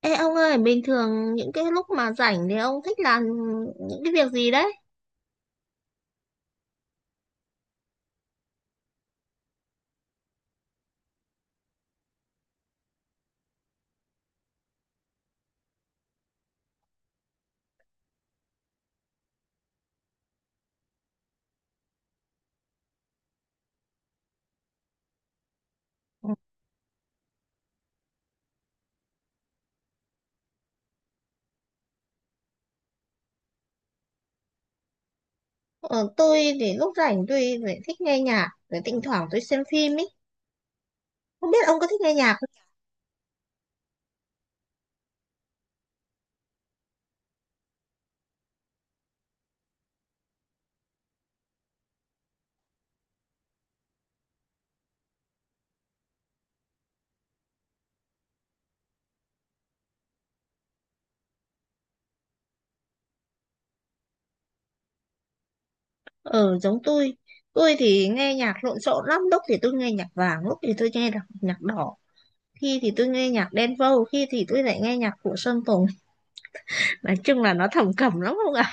Ê ông ơi, bình thường những cái lúc mà rảnh thì ông thích làm những cái việc gì đấy? Ờ, tôi thì lúc rảnh tôi lại thích nghe nhạc, rồi thỉnh thoảng tôi xem phim ý. Không biết ông có thích nghe nhạc không? Ờ, giống tôi. Tôi thì nghe nhạc lộn xộn lắm, lúc thì tôi nghe nhạc vàng, lúc thì tôi nghe nhạc đỏ. Khi thì tôi nghe nhạc Đen Vâu, khi thì tôi lại nghe nhạc của Sơn Tùng. Nói chung là nó thầm cẩm lắm không ạ?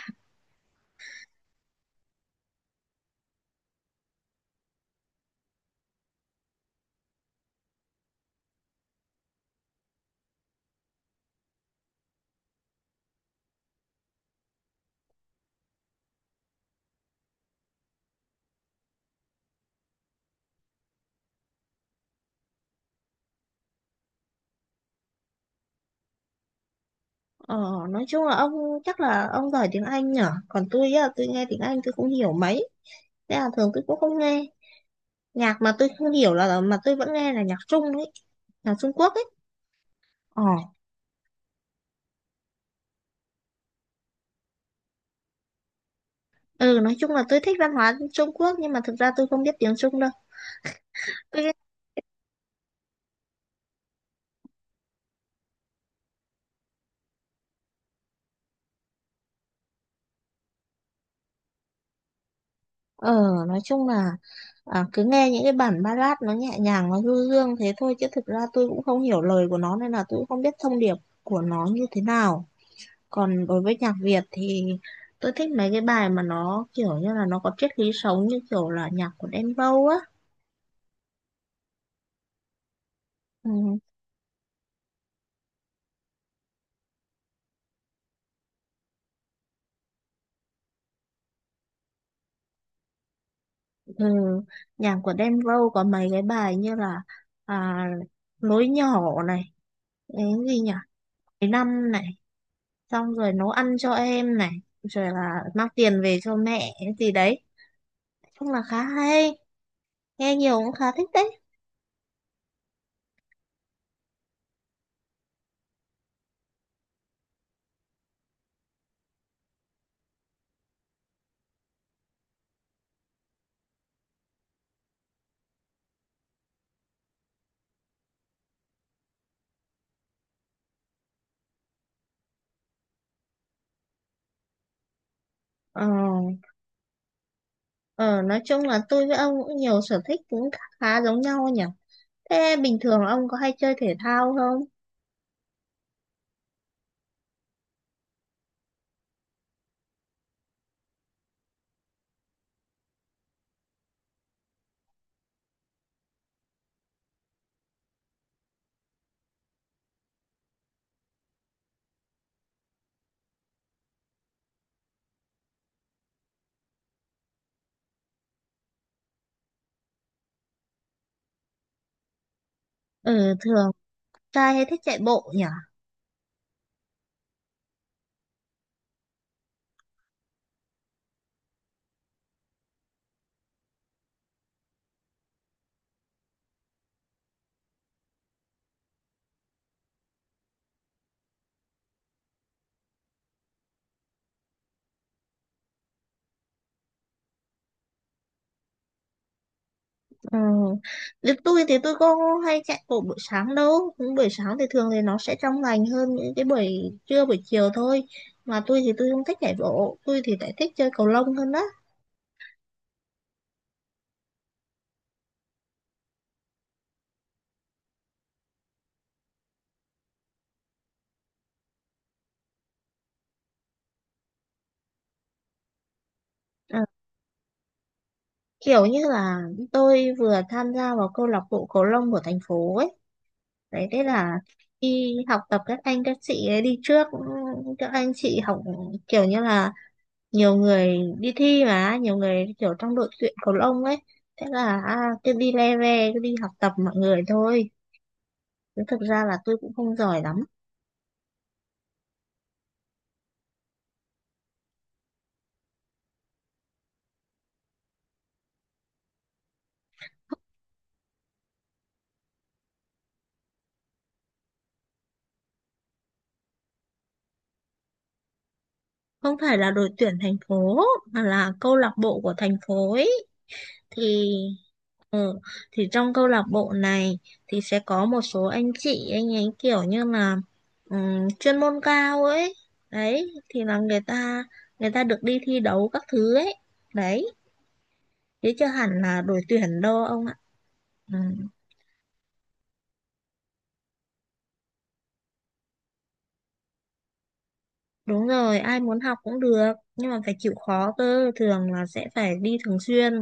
Ờ, nói chung là ông, chắc là ông giỏi tiếng Anh nhở? Còn tôi á, tôi nghe tiếng Anh tôi không hiểu mấy. Thế là thường tôi cũng không nghe. Nhạc mà tôi không hiểu là mà tôi vẫn nghe là nhạc Trung ấy, nhạc Trung Quốc ấy. Ờ, ừ, nói chung là tôi thích văn hóa Trung Quốc nhưng mà thực ra tôi không biết tiếng Trung đâu. Tôi ờ Nói chung là à, cứ nghe những cái bản ballad nó nhẹ nhàng nó du dương thế thôi chứ thực ra tôi cũng không hiểu lời của nó nên là tôi cũng không biết thông điệp của nó như thế nào. Còn đối với nhạc Việt thì tôi thích mấy cái bài mà nó kiểu như là nó có triết lý sống như kiểu là nhạc của Đen Vâu á. Ừ. Ừ, nhạc của Đen Vâu có mấy cái bài như là à, lối nhỏ này, cái gì nhỉ? Cái năm này, xong rồi nấu ăn cho em này, rồi là mang tiền về cho mẹ cái gì đấy. Nói chung là khá hay, nghe nhiều cũng khá thích đấy. Ờ, ờ, nói chung là tôi với ông cũng nhiều sở thích cũng khá giống nhau nhỉ. Thế bình thường ông có hay chơi thể thao không? Ừ, thường trai hay thích chạy bộ nhỉ? Ừ. Thì tôi có hay chạy bộ buổi sáng đâu, những buổi sáng thì thường thì nó sẽ trong lành hơn những cái buổi trưa buổi chiều thôi. Mà tôi không thích chạy bộ, tôi thì lại thích chơi cầu lông hơn đó. Ờ, kiểu như là tôi vừa tham gia vào câu lạc bộ cầu lông của thành phố ấy, đấy thế là đi học tập các anh các chị ấy đi trước, các anh chị học kiểu như là nhiều người đi thi mà nhiều người kiểu trong đội tuyển cầu lông ấy. Thế là à, cứ đi le ve cứ đi học tập mọi người thôi chứ thực ra là tôi cũng không giỏi lắm. Không phải là đội tuyển thành phố mà là câu lạc bộ của thành phố ấy. Thì ừ, thì trong câu lạc bộ này thì sẽ có một số anh chị, anh ấy kiểu như là chuyên môn cao ấy, đấy thì là người ta được đi thi đấu các thứ ấy, đấy chứ chưa hẳn là đội tuyển đâu ông ạ. Ừ. Đúng rồi, ai muốn học cũng được, nhưng mà phải chịu khó cơ, thường là sẽ phải đi thường xuyên.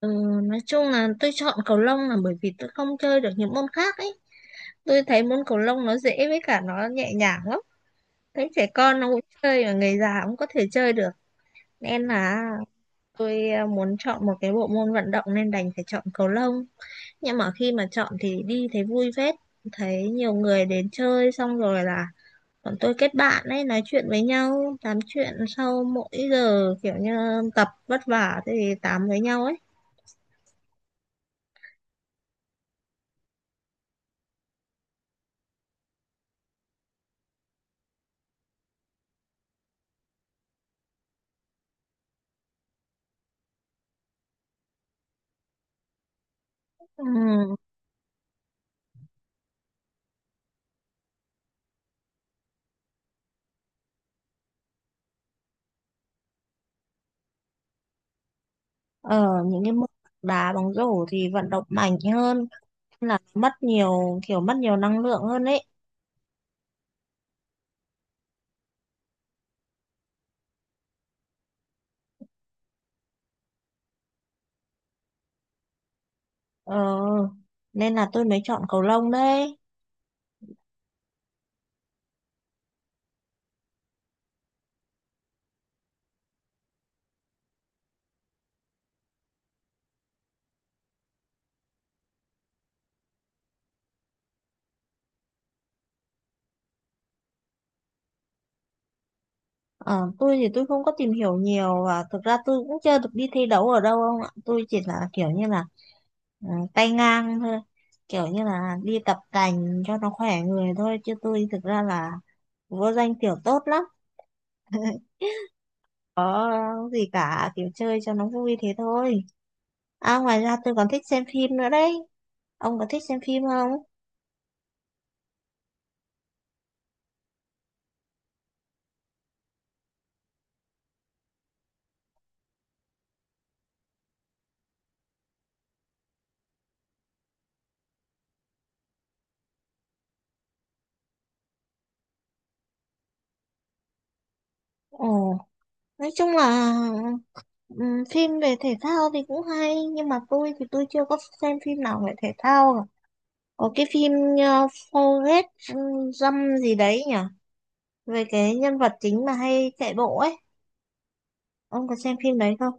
Ừ, nói chung là tôi chọn cầu lông là bởi vì tôi không chơi được những môn khác ấy. Tôi thấy môn cầu lông nó dễ với cả nó nhẹ nhàng lắm. Thấy trẻ con nó cũng chơi và người già cũng có thể chơi được. Nên là tôi muốn chọn một cái bộ môn vận động nên đành phải chọn cầu lông. Nhưng mà khi mà chọn thì đi thấy vui phết. Thấy nhiều người đến chơi xong rồi là bọn tôi kết bạn ấy, nói chuyện với nhau, tám chuyện sau mỗi giờ kiểu như tập vất vả thì tám với nhau ấy. Ừ. Ở những cái môn đá bóng rổ thì vận động mạnh hơn, là mất nhiều kiểu mất nhiều năng lượng hơn ấy. Ờ, nên là tôi mới chọn cầu lông đấy. Ờ, tôi không có tìm hiểu nhiều và thực ra tôi cũng chưa được đi thi đấu ở đâu ông ạ. Tôi chỉ là kiểu như là tay ngang thôi. Kiểu như là đi tập tành cho nó khỏe người thôi. Chứ tôi thực ra là vô danh tiểu tốt lắm. Có gì cả kiểu chơi cho nó vui thế thôi. À, ngoài ra tôi còn thích xem phim nữa đấy. Ông có thích xem phim không? Ồ, nói chung là phim về thể thao thì cũng hay, nhưng mà tôi chưa có xem phim nào về thể thao cả. Có cái phim Forrest Gump gì đấy nhỉ? Về cái nhân vật chính mà hay chạy bộ ấy. Ông có xem phim đấy không?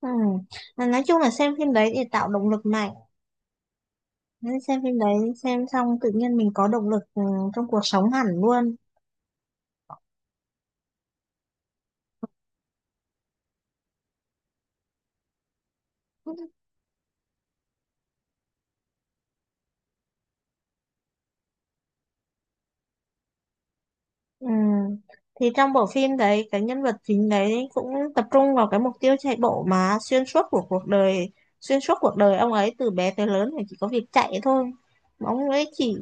Ừm, Nói chung là xem phim đấy để tạo động lực mạnh. Nên xem phim đấy, xem xong tự nhiên mình có động lực, trong cuộc sống hẳn luôn. Ừ. Thì trong bộ phim đấy cái nhân vật chính đấy cũng tập trung vào cái mục tiêu chạy bộ mà xuyên suốt của cuộc đời, xuyên suốt cuộc đời ông ấy từ bé tới lớn thì chỉ có việc chạy thôi, mà ông ấy chỉ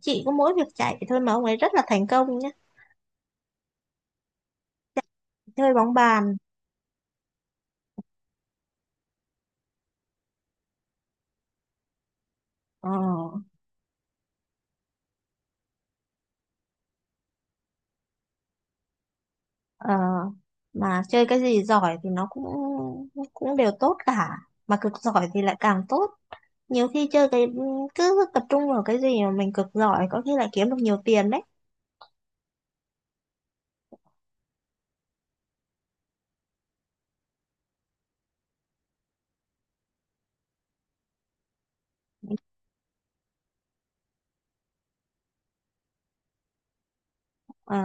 chỉ có mỗi việc chạy thôi mà ông ấy rất là thành công nhé. Chơi bóng bàn. ờ, ờ, mà chơi cái gì giỏi thì nó cũng cũng đều tốt cả, mà cực giỏi thì lại càng tốt. Nhiều khi chơi cái cứ tập trung vào cái gì mà mình cực giỏi có khi lại kiếm được nhiều tiền đấy. Ờ,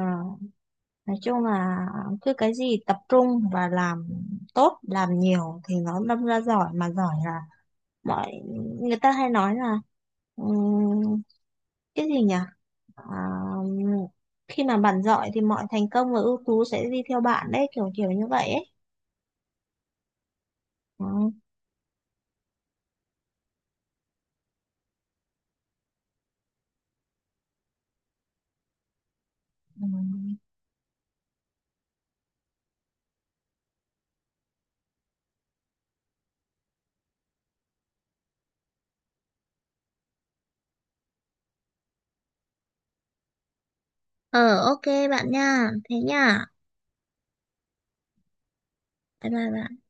nói chung là cứ cái gì tập trung và làm tốt làm nhiều thì nó đâm ra giỏi, mà giỏi là mọi người ta hay nói là ừm, cái gì nhỉ? À, khi mà bạn giỏi thì mọi thành công và ưu tú sẽ đi theo bạn đấy kiểu kiểu như vậy ấy. Ừ. Ừ. ờ ok bạn nha, thế nha, bye bye bạn.